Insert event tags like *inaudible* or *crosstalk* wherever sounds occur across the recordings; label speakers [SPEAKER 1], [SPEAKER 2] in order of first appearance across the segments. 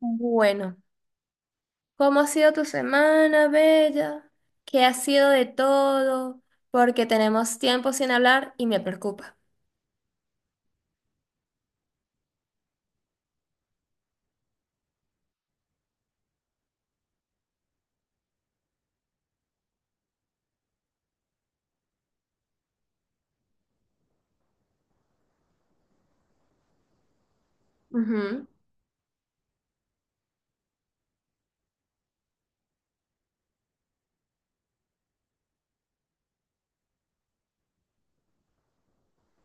[SPEAKER 1] Bueno, ¿cómo ha sido tu semana, Bella? ¿Qué ha sido de todo? Porque tenemos tiempo sin hablar y me preocupa. Ujú.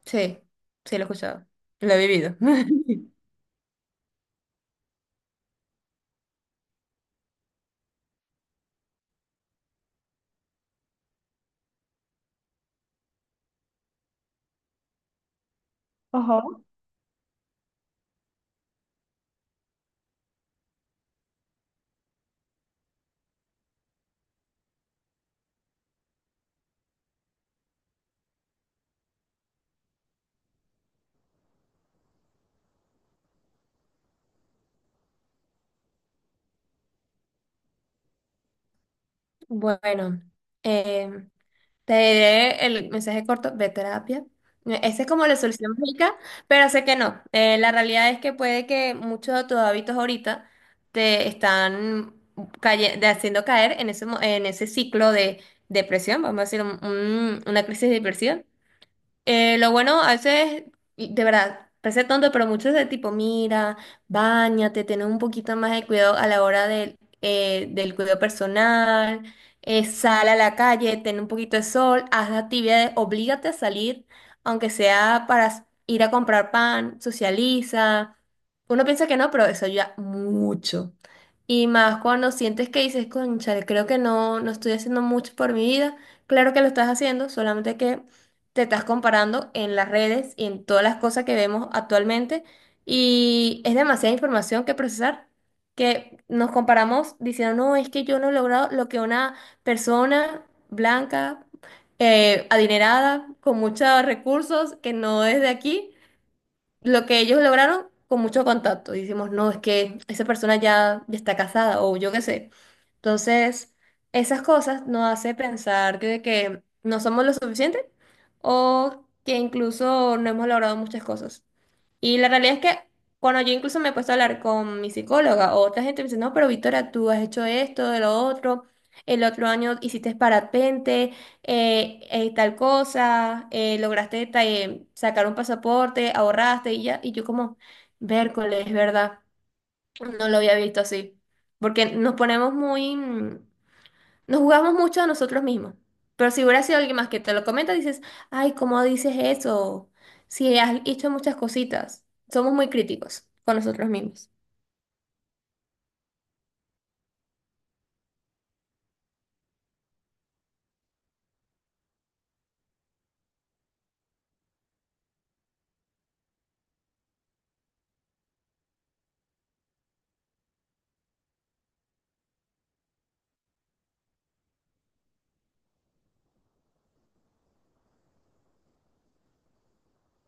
[SPEAKER 1] Sí, sí, lo he escuchado. Lo he vivido. *laughs* Ajá. Bueno, em, Te diré el mensaje corto, ve a terapia. Esa es como la solución mágica, pero sé que no. La realidad es que puede que muchos de tus hábitos ahorita te están haciendo caer en ese, en ese ciclo de depresión, vamos a decir, una crisis de depresión. Lo bueno, a veces, y de verdad, parece tonto, pero muchos de tipo, mira, báñate, ten un poquito más de cuidado a la hora del, del cuidado personal, sal a la calle, ten un poquito de sol, haz actividades, oblígate a salir, aunque sea para ir a comprar pan, socializa. Uno piensa que no, pero eso ayuda mucho. Y más cuando sientes que dices, conchale, creo que no, no estoy haciendo mucho por mi vida. Claro que lo estás haciendo, solamente que te estás comparando en las redes y en todas las cosas que vemos actualmente y es demasiada información que procesar, que nos comparamos diciendo, no, es que yo no he logrado lo que una persona blanca, adinerada, con muchos recursos, que no es de aquí lo que ellos lograron con mucho contacto. Y decimos, no, es que esa persona ya, ya está casada o yo qué sé. Entonces, esas cosas nos hace pensar de que no somos lo suficiente o que incluso no hemos logrado muchas cosas. Y la realidad es que cuando yo incluso me he puesto a hablar con mi psicóloga, o otra gente me dice, no, pero Victoria, tú has hecho esto, de lo otro, el otro año hiciste parapente, tal cosa, lograste sacar un pasaporte, ahorraste y ya. Y yo como, vércoles, es verdad, no lo había visto así. Porque nos ponemos muy, nos jugamos mucho a nosotros mismos. Pero si hubiera sido alguien más que te lo comenta, dices, ay, ¿cómo dices eso? Si has hecho muchas cositas. Somos muy críticos con nosotros mismos.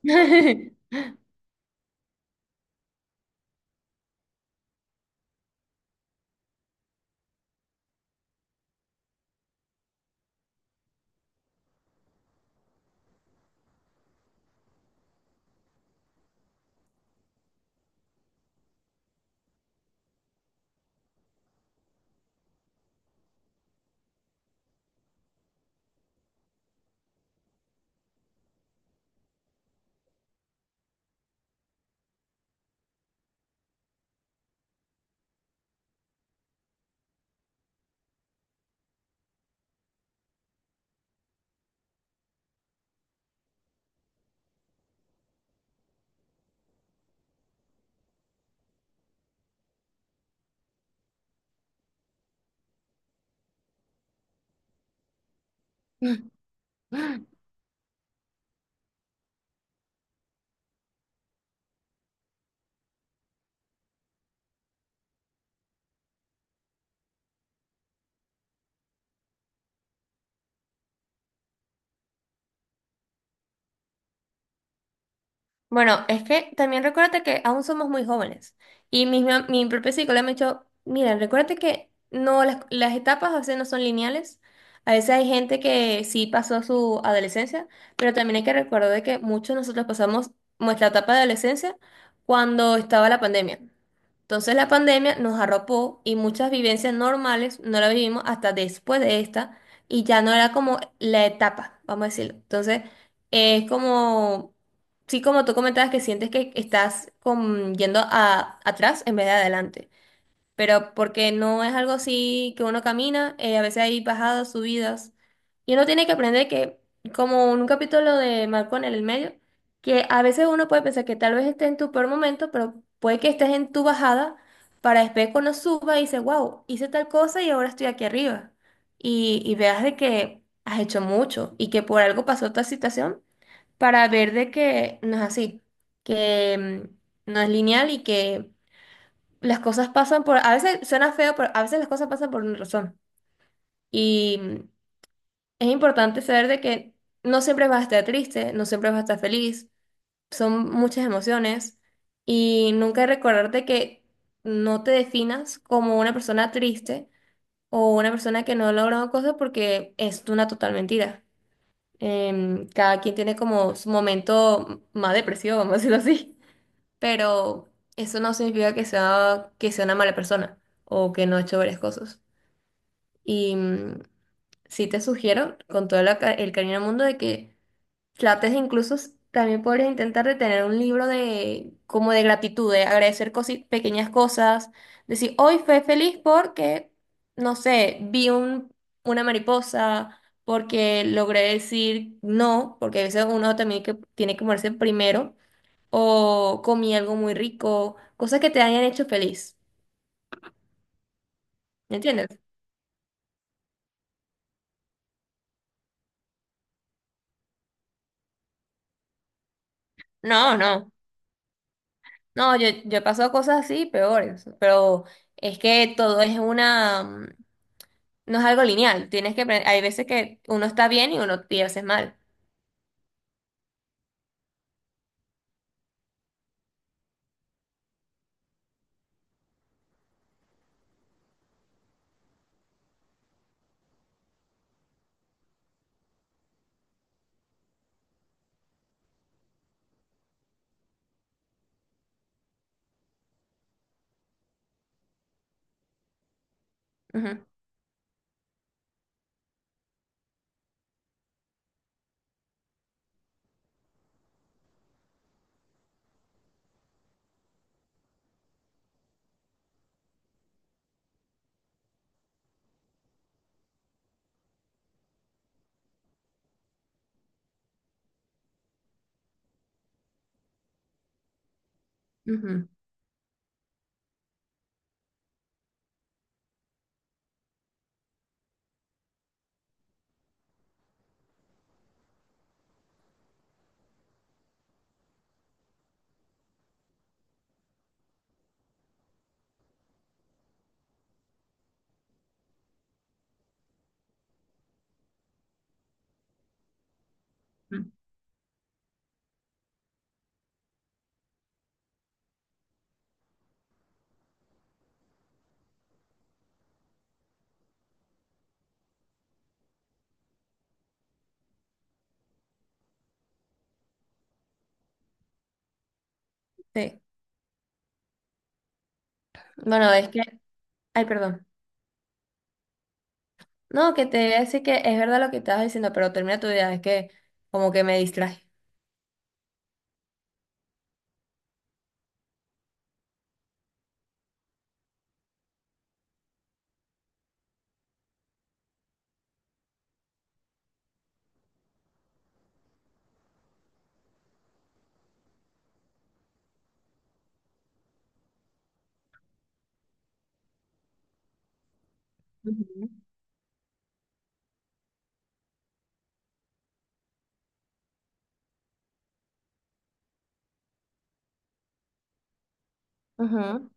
[SPEAKER 1] *laughs* Bueno, es que también recuérdate que aún somos muy jóvenes. Y mi propio psicólogo me ha dicho, mira, recuérdate que no, las etapas a veces no son lineales. A veces hay gente que sí pasó su adolescencia, pero también hay que recordar de que muchos de nosotros pasamos nuestra etapa de adolescencia cuando estaba la pandemia. Entonces la pandemia nos arropó y muchas vivencias normales no las vivimos hasta después de esta y ya no era como la etapa, vamos a decirlo. Entonces es como... Sí, como tú comentabas que sientes que estás yendo a, atrás en vez de adelante, pero porque no es algo así que uno camina, a veces hay bajadas, subidas, y uno tiene que aprender que, como en un capítulo de Malcolm en el medio, que a veces uno puede pensar que tal vez estés en tu peor momento, pero puede que estés en tu bajada para después cuando suba y dices, wow, hice tal cosa y ahora estoy aquí arriba, y veas de que has hecho mucho y que por algo pasó tal situación para ver de que no es así, que no es lineal y que las cosas pasan por, a veces suena feo, pero a veces las cosas pasan por una razón. Y es importante saber de que no siempre vas a estar triste, no siempre vas a estar feliz, son muchas emociones y nunca recordarte que no te definas como una persona triste o una persona que no ha logrado cosas porque es una total mentira. Cada quien tiene como su momento más depresivo, vamos a decirlo así. Pero eso no significa que sea una mala persona o que no ha hecho varias cosas. Y sí te sugiero, con todo el cariño del mundo, de que trates de incluso, también podrías intentar de tener un libro de, como de gratitud, de agradecer pequeñas cosas, decir, hoy fue feliz porque, no sé, vi una mariposa. Porque logré decir no, porque a veces uno también que tiene que moverse primero o comí algo muy rico, cosas que te hayan hecho feliz, ¿me entiendes? No, no, no, yo he pasado cosas así peores, pero es que todo es una, no es algo lineal, tienes que aprender, hay veces que uno está bien y uno y a veces mal. Ujú, ujú, ujú. Sí. Bueno, es que, ay, perdón. No, que te voy a decir que es verdad lo que estabas diciendo, pero termina tu idea, es que como que me distraje. Ujú, ujú,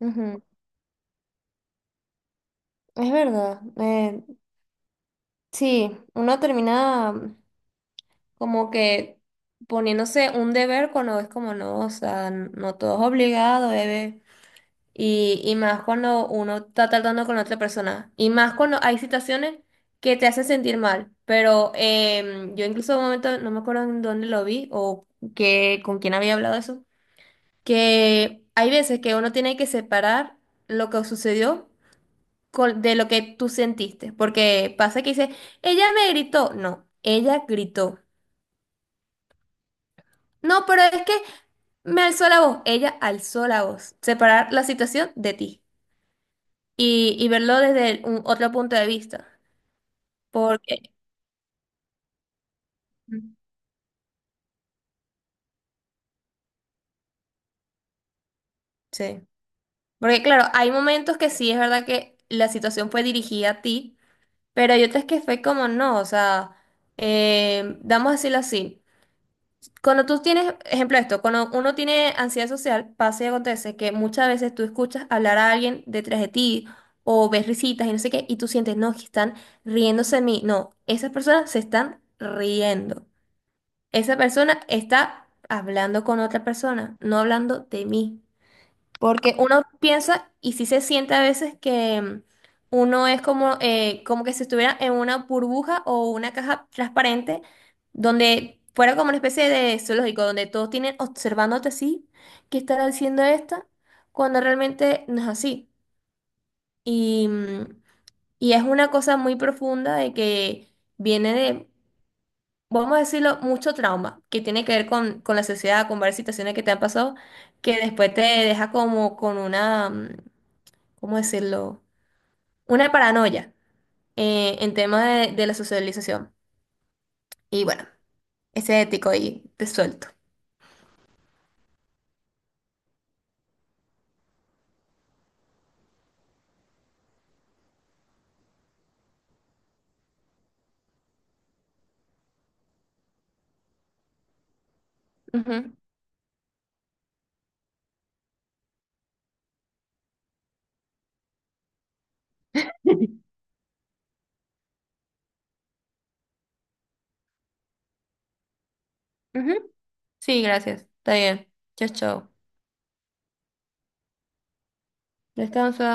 [SPEAKER 1] ujú. Es verdad. Sí, uno termina. Como que poniéndose un deber cuando es como no, o sea, no todo es obligado, bebé. Y más cuando uno está tratando con otra persona. Y más cuando hay situaciones que te hacen sentir mal. Pero yo incluso en un momento, no me acuerdo en dónde lo vi o que, con quién había hablado eso, que hay veces que uno tiene que separar lo que sucedió de lo que tú sentiste. Porque pasa que dice, ella me gritó. No, ella gritó. No, pero es que me alzó la voz, ella alzó la voz. Separar la situación de ti y verlo desde otro punto de vista. Porque, Mm. sí. Porque claro, hay momentos que sí es verdad que la situación fue dirigida a ti, pero hay otras que fue como no, o sea, vamos a decirlo así. Cuando tú tienes, ejemplo de esto, cuando uno tiene ansiedad social, pasa y acontece que muchas veces tú escuchas hablar a alguien detrás de ti o ves risitas y no sé qué, y tú sientes, no, que están riéndose de mí. No, esas personas se están riendo. Esa persona está hablando con otra persona, no hablando de mí. Porque uno piensa y sí se siente a veces que uno es como, como que si estuviera en una burbuja o una caja transparente donde fuera como una especie de zoológico, donde todos tienen observándote así, ¿qué estará haciendo esta? Cuando realmente no es así. Y, mm, y es una cosa muy profunda de que viene de, vamos a decirlo, mucho trauma, que tiene que ver con la sociedad, con varias situaciones que te han pasado, que después te deja como con una... ¿cómo decirlo? Una paranoia en temas de la socialización. Y bueno, ese ético ahí te suelto. Ujú, ujú. Sí, gracias. Está bien. Chao, chao. Descansa.